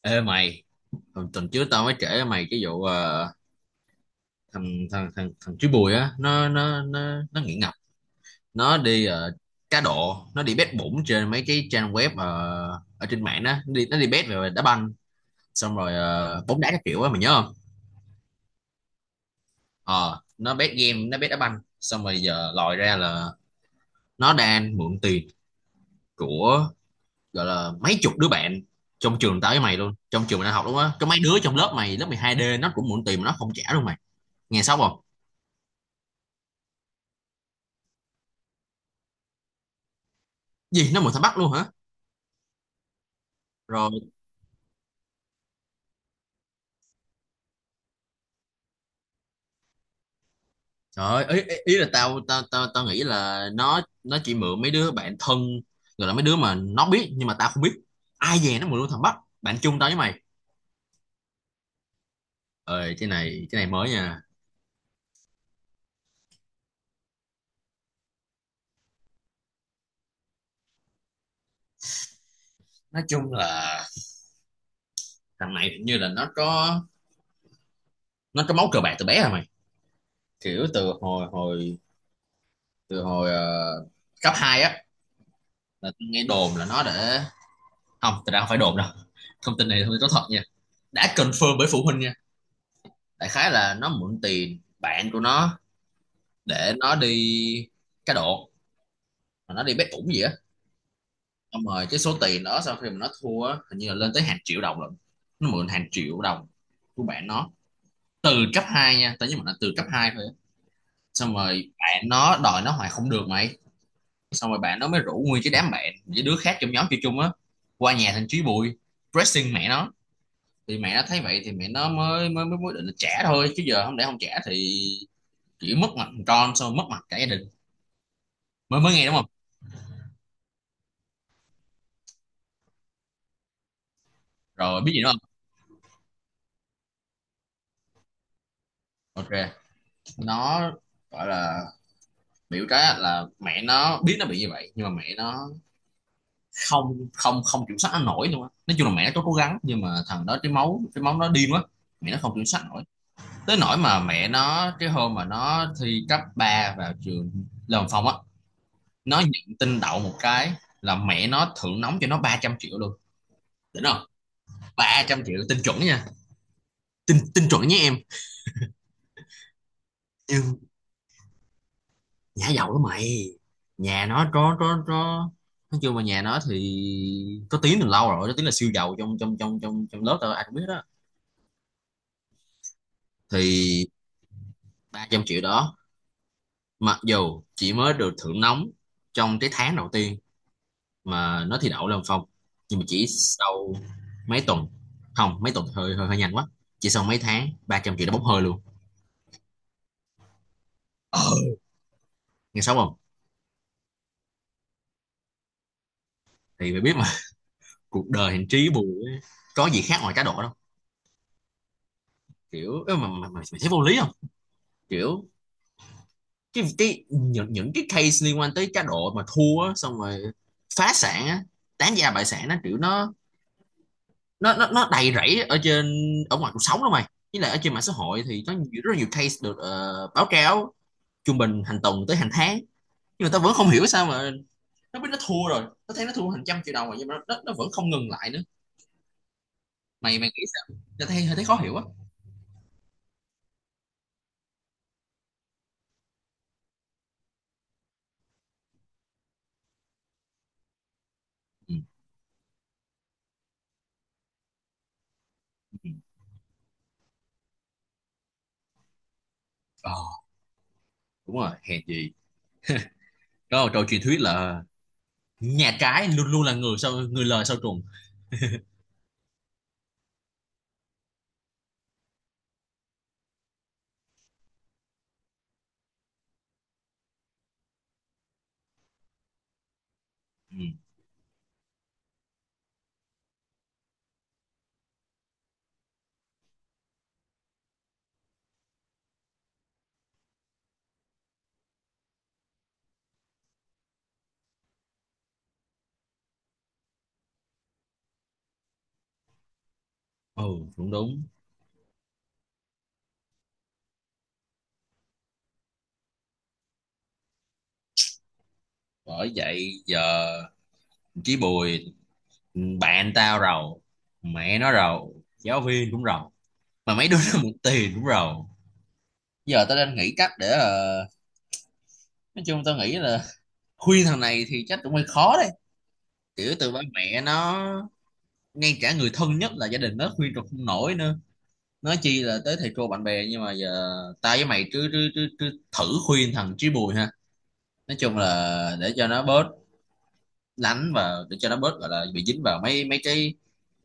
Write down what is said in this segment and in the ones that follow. Ê mày, hồi tuần trước tao mới kể với mày cái vụ thằng thằng thằng thằng chú Bùi á, nó nghiện ngập, nó đi cá độ, nó đi bet bủng trên mấy cái trang web ở trên mạng đó, nó đi bet về đá banh, xong rồi bóng đá các kiểu á mày nhớ không? Ờ, nó bet game, nó bet đá banh, xong rồi giờ lòi ra là nó đang mượn tiền của, gọi là mấy chục đứa bạn trong trường tao với mày luôn, trong trường mày đang học luôn á, có mấy đứa trong lớp mày lớp 12D nó cũng mượn tiền mà nó không trả luôn mày. Nghe xong không? Gì nó mượn thằng Bắc luôn hả? Rồi trời ơi, ý, ý ý là tao tao tao tao nghĩ là nó chỉ mượn mấy đứa bạn thân, rồi là mấy đứa mà nó biết, nhưng mà tao không biết ai. Về nó mượn luôn thằng Bắc bạn chung tao với mày ơi, cái này mới nha. Nói chung là thằng này hình như là nó có máu cờ bạc từ bé rồi mày, kiểu từ hồi hồi từ hồi ờ, cấp 2 á. Là tao nghe đồn là nó để, không thật ra không phải đồn đâu, thông tin này, thông tin có thật nha, đã confirm bởi phụ huynh nha. Đại khái là nó mượn tiền bạn của nó để nó đi cá độ, mà nó đi bet ủng gì á, xong rồi cái số tiền đó sau khi mà nó thua á hình như là lên tới hàng triệu đồng lận. Nó mượn hàng triệu đồng của bạn nó từ cấp 2 nha, tao nhớ mà là từ cấp 2 thôi á. Xong rồi bạn nó đòi nó hoài không được mày, xong rồi bạn nó mới rủ nguyên cái đám bạn với đứa khác trong nhóm chơi chung á qua nhà thằng Chí Bùi pressing mẹ nó. Thì mẹ nó thấy vậy thì mẹ nó mới định là trả thôi, chứ giờ không, để không trả thì chỉ mất mặt thằng con, xong rồi mất mặt cả gia đình. Mới mới nghe đúng không? Rồi biết gì đúng không? Ok, nó, gọi là biểu cái là mẹ nó biết nó bị như vậy, nhưng mà mẹ nó không không không kiểm soát nó nổi luôn á. Nói chung là mẹ nó có cố gắng, nhưng mà thằng đó cái máu nó điên quá, mẹ nó không kiểm soát nổi. Tới nỗi mà mẹ nó, cái hôm mà nó thi cấp 3 vào trường Lâm Phong á, nó nhận tin đậu một cái là mẹ nó thưởng nóng cho nó 300 triệu luôn. Đỉnh không? 300 triệu tin chuẩn nha, tin tin chuẩn nhé em. Nhưng Nhả dầu đó mày. Nhà nó có. Nói chung mà nhà nó thì có tiếng từ lâu rồi, có tiếng là siêu giàu, trong trong trong trong trong lớp tao ai cũng biết đó. Thì 300 triệu đó, mặc dù chỉ mới được thưởng nóng trong cái tháng đầu tiên mà nó thi đậu lên phòng, nhưng mà chỉ sau mấy tuần. Không, mấy tuần thì hơi hơi, hơi nhanh quá. Chỉ sau mấy tháng 300 triệu đã bốc hơi luôn. Ờ, nghe xấu không? Thì mày biết mà, cuộc đời hành trí bù ấy, có gì khác ngoài cá độ đâu. Kiểu ơ, mà mày thấy vô lý không? Kiểu cái những cái case liên quan tới cá độ mà thua á, xong rồi phá sản á, tán gia bại sản, nó kiểu nó đầy rẫy ở trên, ở ngoài cuộc sống đó mày. Với lại ở trên mạng xã hội thì có nhiều, rất là nhiều case được báo cáo trung bình hàng tuần tới hàng tháng. Nhưng mà tao vẫn không hiểu sao mà nó biết nó thua rồi, nó thấy nó thua hàng trăm triệu đồng rồi nhưng mà nó vẫn không ngừng lại nữa. Mày mày nghĩ sao, ta thấy hơi, thấy khó hiểu á. Ừ. Ờ, đúng rồi hèn gì, đó là câu truyền thuyết, là nhà trái luôn luôn là người sau, người lời sau trùng. Ừ. Ừ, đúng đúng. Bởi vậy giờ chí Bùi bạn tao rầu, mẹ nó rầu, giáo viên cũng rầu, mà mấy đứa nó mượn tiền cũng rầu. Giờ tao đang nghĩ cách để nói chung tao nghĩ là khuyên thằng này thì chắc cũng hơi khó đấy, kiểu từ ba mẹ nó, ngay cả người thân nhất là gia đình nó khuyên tao không nổi nữa, nói chi là tới thầy cô bạn bè. Nhưng mà giờ tao với mày cứ thử khuyên thằng Chí Bùi ha, nói chung là để cho nó bớt lánh, và để cho nó bớt, gọi là bị dính vào mấy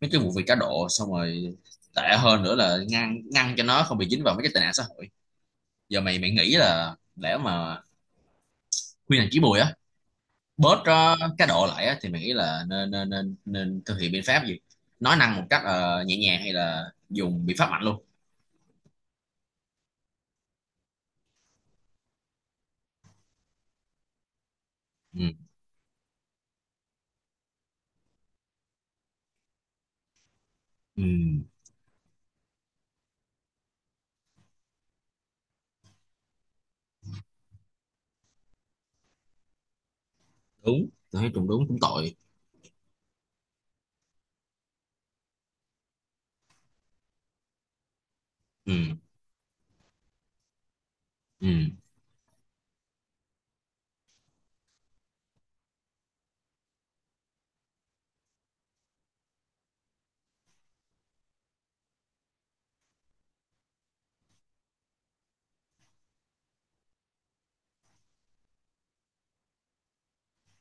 mấy cái vụ việc cá độ, xong rồi tệ hơn nữa là ngăn ngăn cho nó không bị dính vào mấy cái tệ nạn xã hội. Giờ mày mày nghĩ là lẽ mà khuyên hành chí Bùi á bớt cá độ lại á, thì mày nghĩ là nên nên nên nên thực hiện biện pháp gì, nói năng một cách nhẹ nhàng hay là dùng biện pháp mạnh luôn? Ừ. Ừ, đúng, tôi thấy cũng đúng cũng tội. Ừ. Ừ.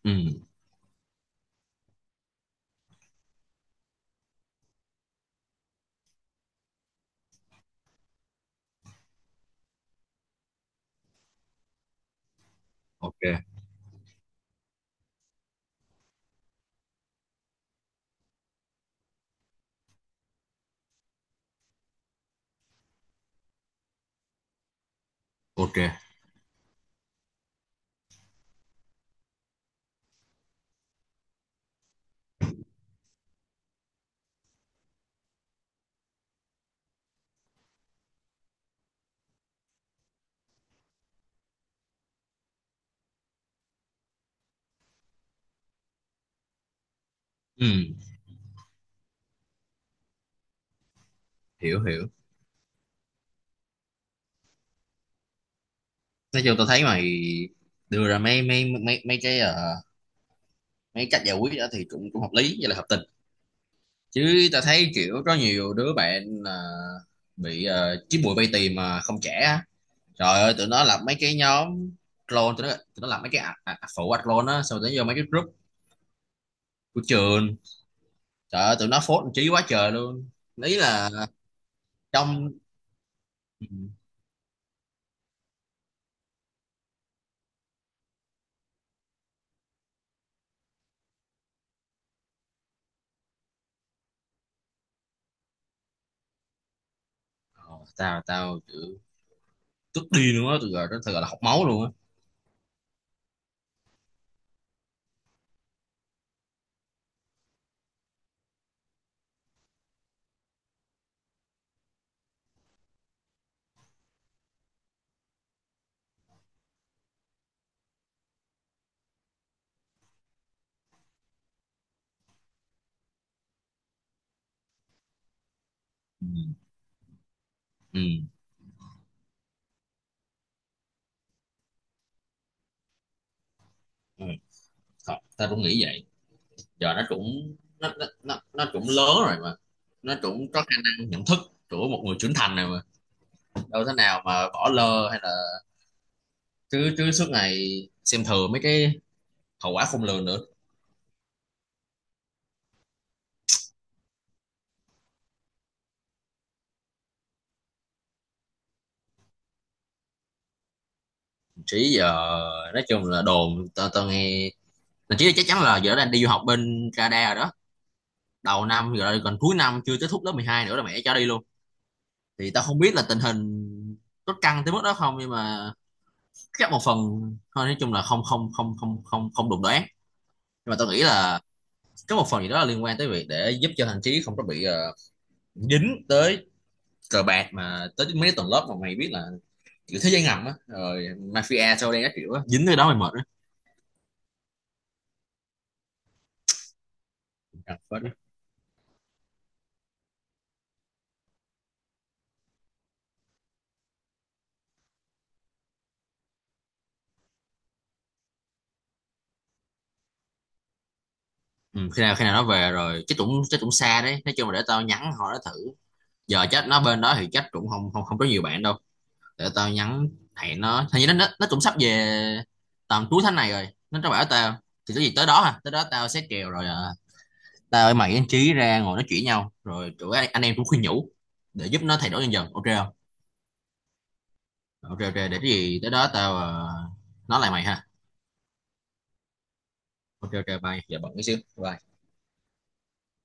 Ừ. Ok. Ok. Ừ. Hiểu, hiểu. Nói chung tôi thấy mày đưa ra mấy mấy mấy mấy cái mấy cách giải quyết đó thì cũng cũng hợp lý với là hợp tình. Chứ ta thấy kiểu có nhiều đứa bạn là bị chín mùi bay tìm mà không trẻ á. Trời ơi tụi nó làm mấy cái nhóm clone, tụi nó làm mấy cái phụ ạ clone á, xong tụi nó vô mấy cái group của trường. Trời ơi tụi nó phốt trí quá trời luôn. Ý là trong. Ờ, tao tao kiểu tức điên luôn á, tụi rồi nó thật là học máu luôn á. Ừ. Ừ. Ừ. Thật, tao cũng nghĩ vậy. Giờ nó cũng, nó cũng lớn rồi mà. Nó cũng có khả năng nhận thức của một người trưởng thành này, đâu thế nào mà bỏ lơ hay là cứ cứ suốt ngày xem thường mấy cái hậu quả khôn lường nữa. Trí giờ nói chung là đồn tao, nghe thậm chí chắc chắn là giờ nó đang đi du học bên Canada rồi đó, đầu năm rồi còn cuối năm chưa kết thúc lớp 12 nữa là mẹ cho đi luôn. Thì tao không biết là tình hình có căng tới mức đó không nhưng mà chắc một phần thôi. Nói chung là không không không không không không đụng đoán. Nhưng mà tao nghĩ là có một phần gì đó là liên quan tới việc để giúp cho thằng Trí không có bị dính tới cờ bạc, mà tới mấy tuần lớp mà mày biết là kiểu thế giới ngầm á, rồi mafia sau đây các kiểu á dính tới đó mày mệt á. Gặp hết á. Ừ, khi nào nó về rồi chắc cũng, xa đấy. Nói chung là để tao nhắn họ nó thử, giờ chắc nó bên đó thì chắc cũng không không không có nhiều bạn đâu. Để tao nhắn hẹn nó, hình như nó cũng sắp về tầm cuối tháng này rồi, nó bảo tao. Thì cái gì tới đó à, tới đó tao sẽ kèo rồi à. Tao với mày với anh Trí ra ngồi nói chuyện nhau rồi anh em cũng khuyên nhủ để giúp nó thay đổi dần dần, ok không? Ok, ok. Để cái gì tới đó tao nói lại mày ha. Ok, ok, bye, giờ bận cái xíu. Bye.